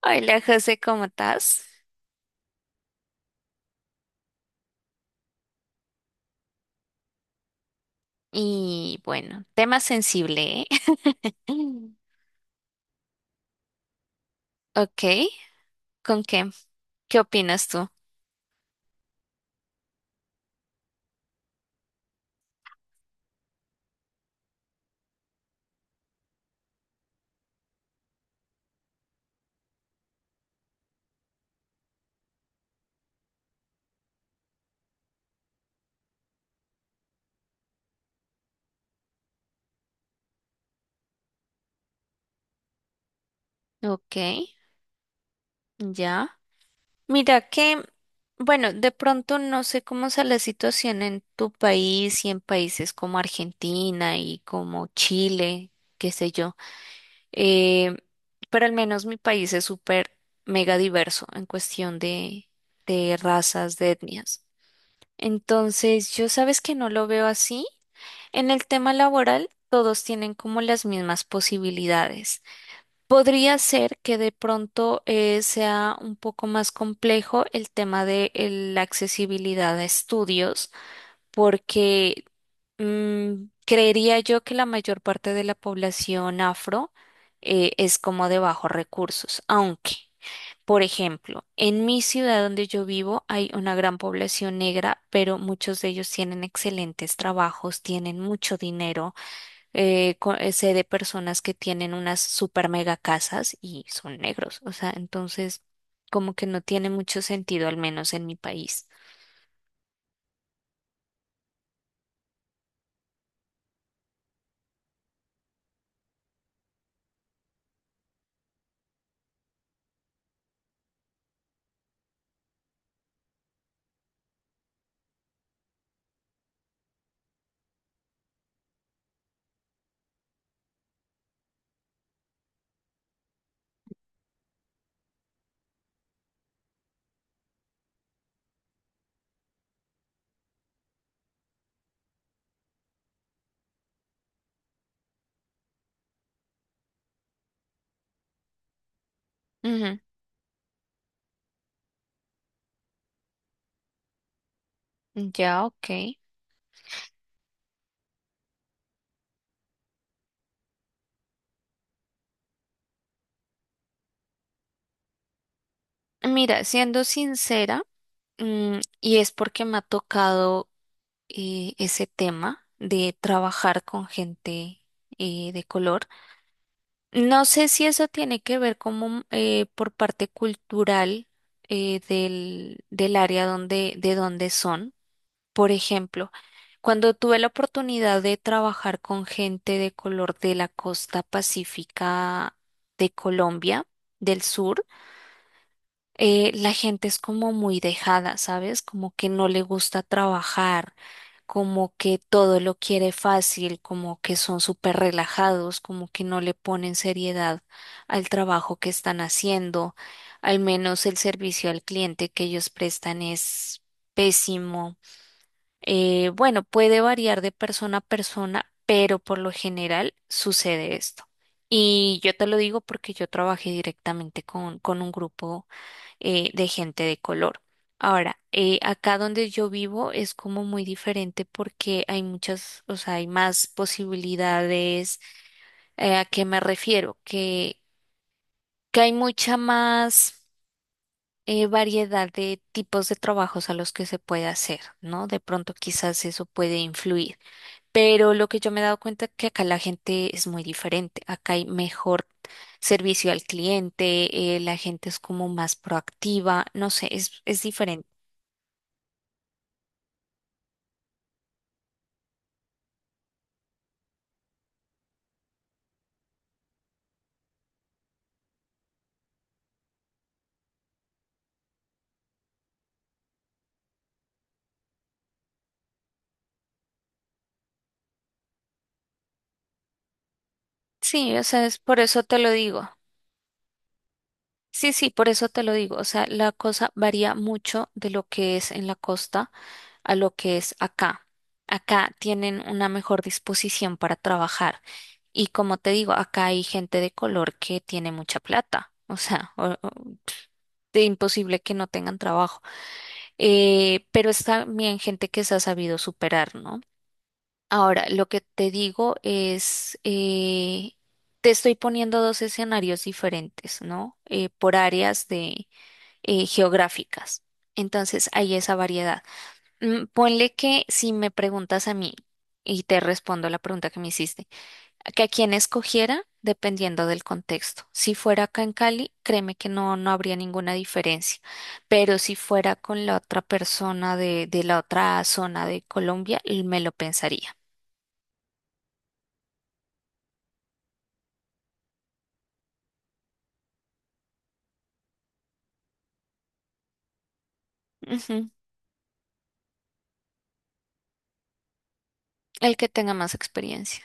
Hola José, ¿cómo estás? Y bueno, tema sensible, ¿eh? Ok, ¿con qué? ¿Qué opinas tú? Ok, ya. Mira que, bueno, de pronto no sé cómo sea la situación en tu país y en países como Argentina y como Chile, qué sé yo. Eh, pero al menos mi país es súper mega diverso en cuestión de razas, de etnias. Entonces, yo sabes que no lo veo así. En el tema laboral, todos tienen como las mismas posibilidades. Podría ser que de pronto sea un poco más complejo el tema de la accesibilidad a estudios porque creería yo que la mayor parte de la población afro es como de bajos recursos, aunque, por ejemplo, en mi ciudad donde yo vivo hay una gran población negra, pero muchos de ellos tienen excelentes trabajos, tienen mucho dinero. Sé de personas que tienen unas super mega casas y son negros, o sea, entonces como que no tiene mucho sentido, al menos en mi país. Ujú. Ya, ok. Mira, siendo sincera, y es porque me ha tocado ese tema de trabajar con gente de color, no sé si eso tiene que ver como por parte cultural del área donde, de donde son. Por ejemplo, cuando tuve la oportunidad de trabajar con gente de color de la costa pacífica de Colombia, del sur, la gente es como muy dejada, ¿sabes? Como que no le gusta trabajar, como que todo lo quiere fácil, como que son súper relajados, como que no le ponen seriedad al trabajo que están haciendo. Al menos el servicio al cliente que ellos prestan es pésimo. Bueno, puede variar de persona a persona, pero por lo general sucede esto. Y yo te lo digo porque yo trabajé directamente con un grupo de gente de color. Ahora, acá donde yo vivo es como muy diferente porque hay muchas, o sea, hay más posibilidades. ¿A qué me refiero? Que hay mucha más variedad de tipos de trabajos a los que se puede hacer, ¿no? De pronto quizás eso puede influir. Pero lo que yo me he dado cuenta es que acá la gente es muy diferente. Acá hay mejor servicio al cliente, la gente es como más proactiva, no sé, es diferente. Sí, o sea, es por eso te lo digo. Sí, sí, por eso te lo digo. O sea, la cosa varía mucho de lo que es en la costa a lo que es acá. Acá tienen una mejor disposición para trabajar. Y como te digo, acá hay gente de color que tiene mucha plata. O sea, de imposible que no tengan trabajo. Pero es también gente que se ha sabido superar, ¿no? Ahora, lo que te digo es, te estoy poniendo dos escenarios diferentes, ¿no? Por áreas de geográficas. Entonces, hay esa variedad. Ponle que si me preguntas a mí, y te respondo la pregunta que me hiciste, que a quién escogiera dependiendo del contexto. Si fuera acá en Cali, créeme que no, no habría ninguna diferencia. Pero si fuera con la otra persona de la otra zona de Colombia, me lo pensaría. Ujú. El que tenga más experiencia.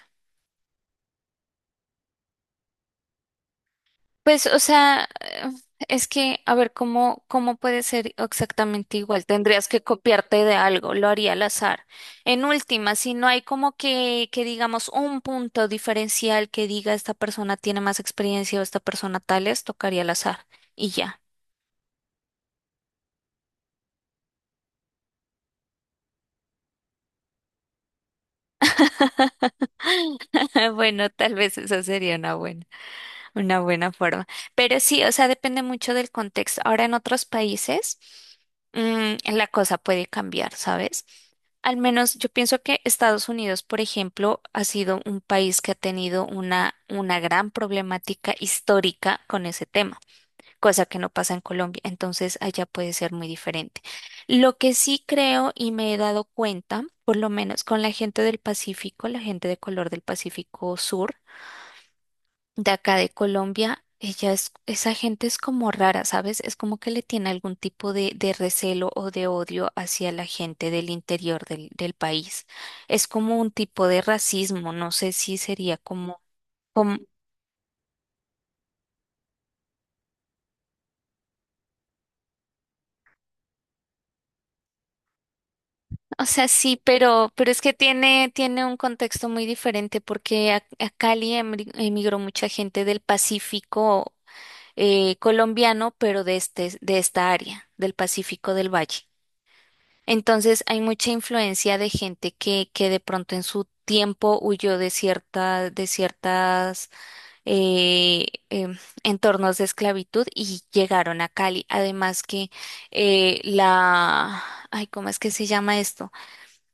Pues, o sea, es que, a ver, ¿cómo puede ser exactamente igual? Tendrías que copiarte de algo, lo haría al azar. En última, si no hay como que digamos un punto diferencial que diga esta persona tiene más experiencia o esta persona tales, tocaría al azar. Y ya. Bueno, tal vez esa sería una buena. Una buena forma. Pero sí, o sea, depende mucho del contexto. Ahora en otros países, la cosa puede cambiar, ¿sabes? Al menos yo pienso que Estados Unidos, por ejemplo, ha sido un país que ha tenido una gran problemática histórica con ese tema, cosa que no pasa en Colombia. Entonces, allá puede ser muy diferente. Lo que sí creo y me he dado cuenta, por lo menos con la gente del Pacífico, la gente de color del Pacífico Sur, de acá de Colombia, esa gente es como rara, ¿sabes? Es como que le tiene algún tipo de recelo o de odio hacia la gente del interior del país. Es como un tipo de racismo, no sé si sería como, o sea, sí, pero es que tiene, tiene un contexto muy diferente porque a Cali emigró mucha gente del Pacífico colombiano, pero de este, de esta área, del Pacífico del Valle. Entonces hay mucha influencia de gente que de pronto en su tiempo huyó de cierta, de ciertas eh, em, entornos de esclavitud y llegaron a Cali. Además que eh, la, ay, ¿cómo es que se llama esto?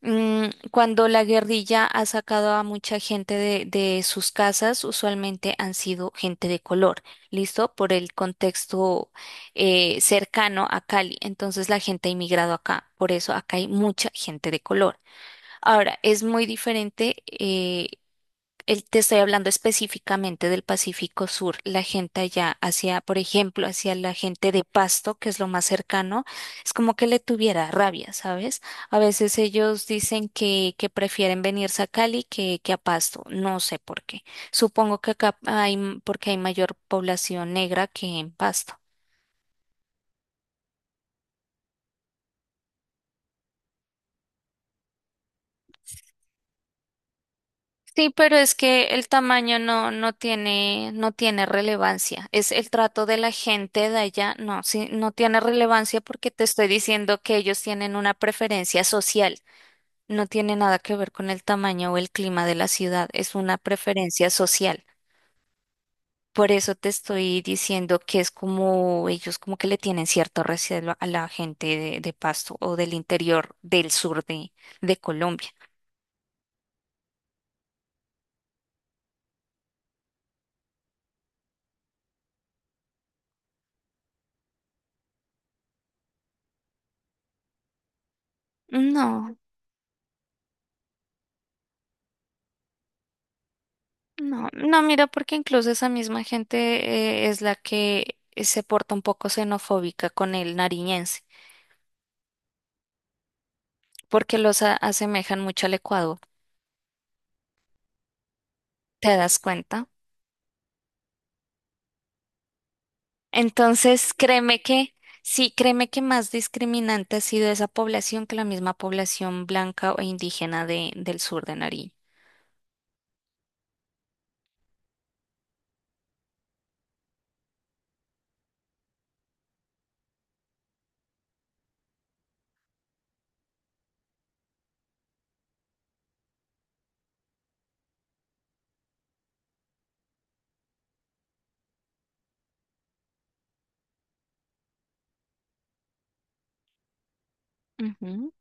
Mm, cuando la guerrilla ha sacado a mucha gente de sus casas, usualmente han sido gente de color, ¿listo? Por el contexto cercano a Cali. Entonces la gente ha inmigrado acá, por eso acá hay mucha gente de color. Ahora, es muy diferente te estoy hablando específicamente del Pacífico Sur, la gente allá hacia, por ejemplo, hacia la gente de Pasto, que es lo más cercano, es como que le tuviera rabia, ¿sabes? A veces ellos dicen que prefieren venirse a Cali que a Pasto, no sé por qué. Supongo que acá hay, porque hay mayor población negra que en Pasto. Sí, pero es que el tamaño no tiene, no tiene relevancia. Es el trato de la gente de allá, no, sí, no tiene relevancia porque te estoy diciendo que ellos tienen una preferencia social. No tiene nada que ver con el tamaño o el clima de la ciudad, es una preferencia social. Por eso te estoy diciendo que es como ellos como que le tienen cierto recelo a la gente de Pasto o del interior del sur de Colombia. No. No, no, mira, porque incluso esa misma gente es la que se porta un poco xenofóbica con el nariñense, porque los asemejan mucho al Ecuador, ¿te das cuenta? Entonces, créeme que, sí, créeme que más discriminante ha sido esa población que la misma población blanca o indígena del sur de Nariño. Ujú.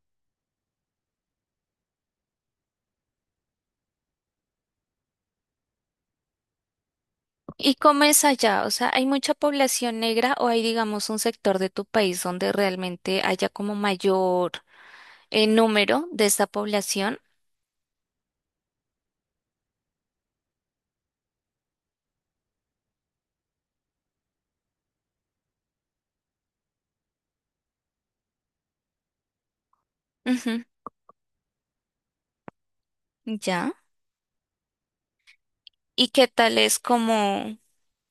¿Y cómo es allá? O sea, ¿hay mucha población negra o hay, digamos, un sector de tu país donde realmente haya como mayor número de esta población? Ujú. Ya. ¿Y qué tal es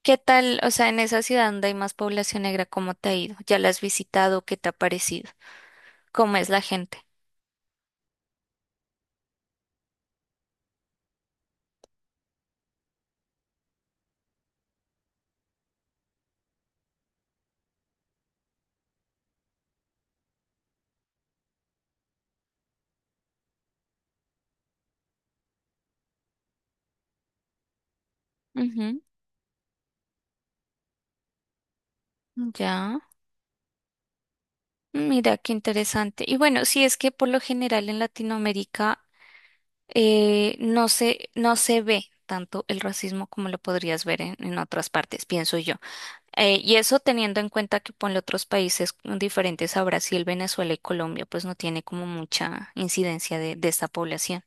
qué tal, o sea, en esa ciudad donde hay más población negra, cómo te ha ido? ¿Ya la has visitado? ¿Qué te ha parecido? ¿Cómo es la gente? Ujú. Ya, mira qué interesante. Y bueno, sí es que por lo general en Latinoamérica no se ve tanto el racismo como lo podrías ver en otras partes, pienso yo. Y eso teniendo en cuenta que ponle otros países diferentes a Brasil, Venezuela y Colombia, pues no tiene como mucha incidencia de esta población.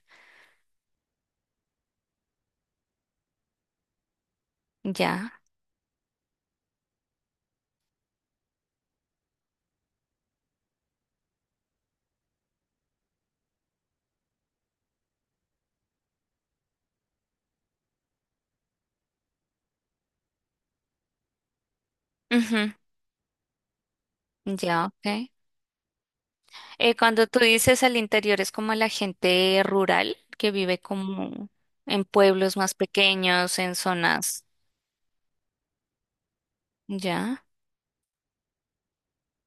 Ya. Ujú. Ya, ok. Cuando tú dices al interior es como la gente rural que vive como en pueblos más pequeños, en zonas. Ya,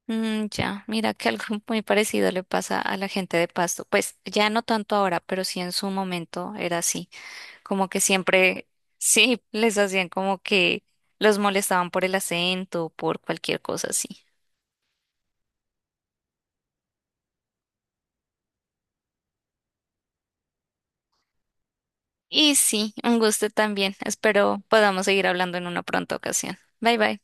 mm, ya. Mira que algo muy parecido le pasa a la gente de Pasto. Pues ya no tanto ahora, pero sí en su momento era así. Como que siempre, sí, les hacían como que los molestaban por el acento, por cualquier cosa así. Y sí, un gusto también. Espero podamos seguir hablando en una pronta ocasión. Bye bye.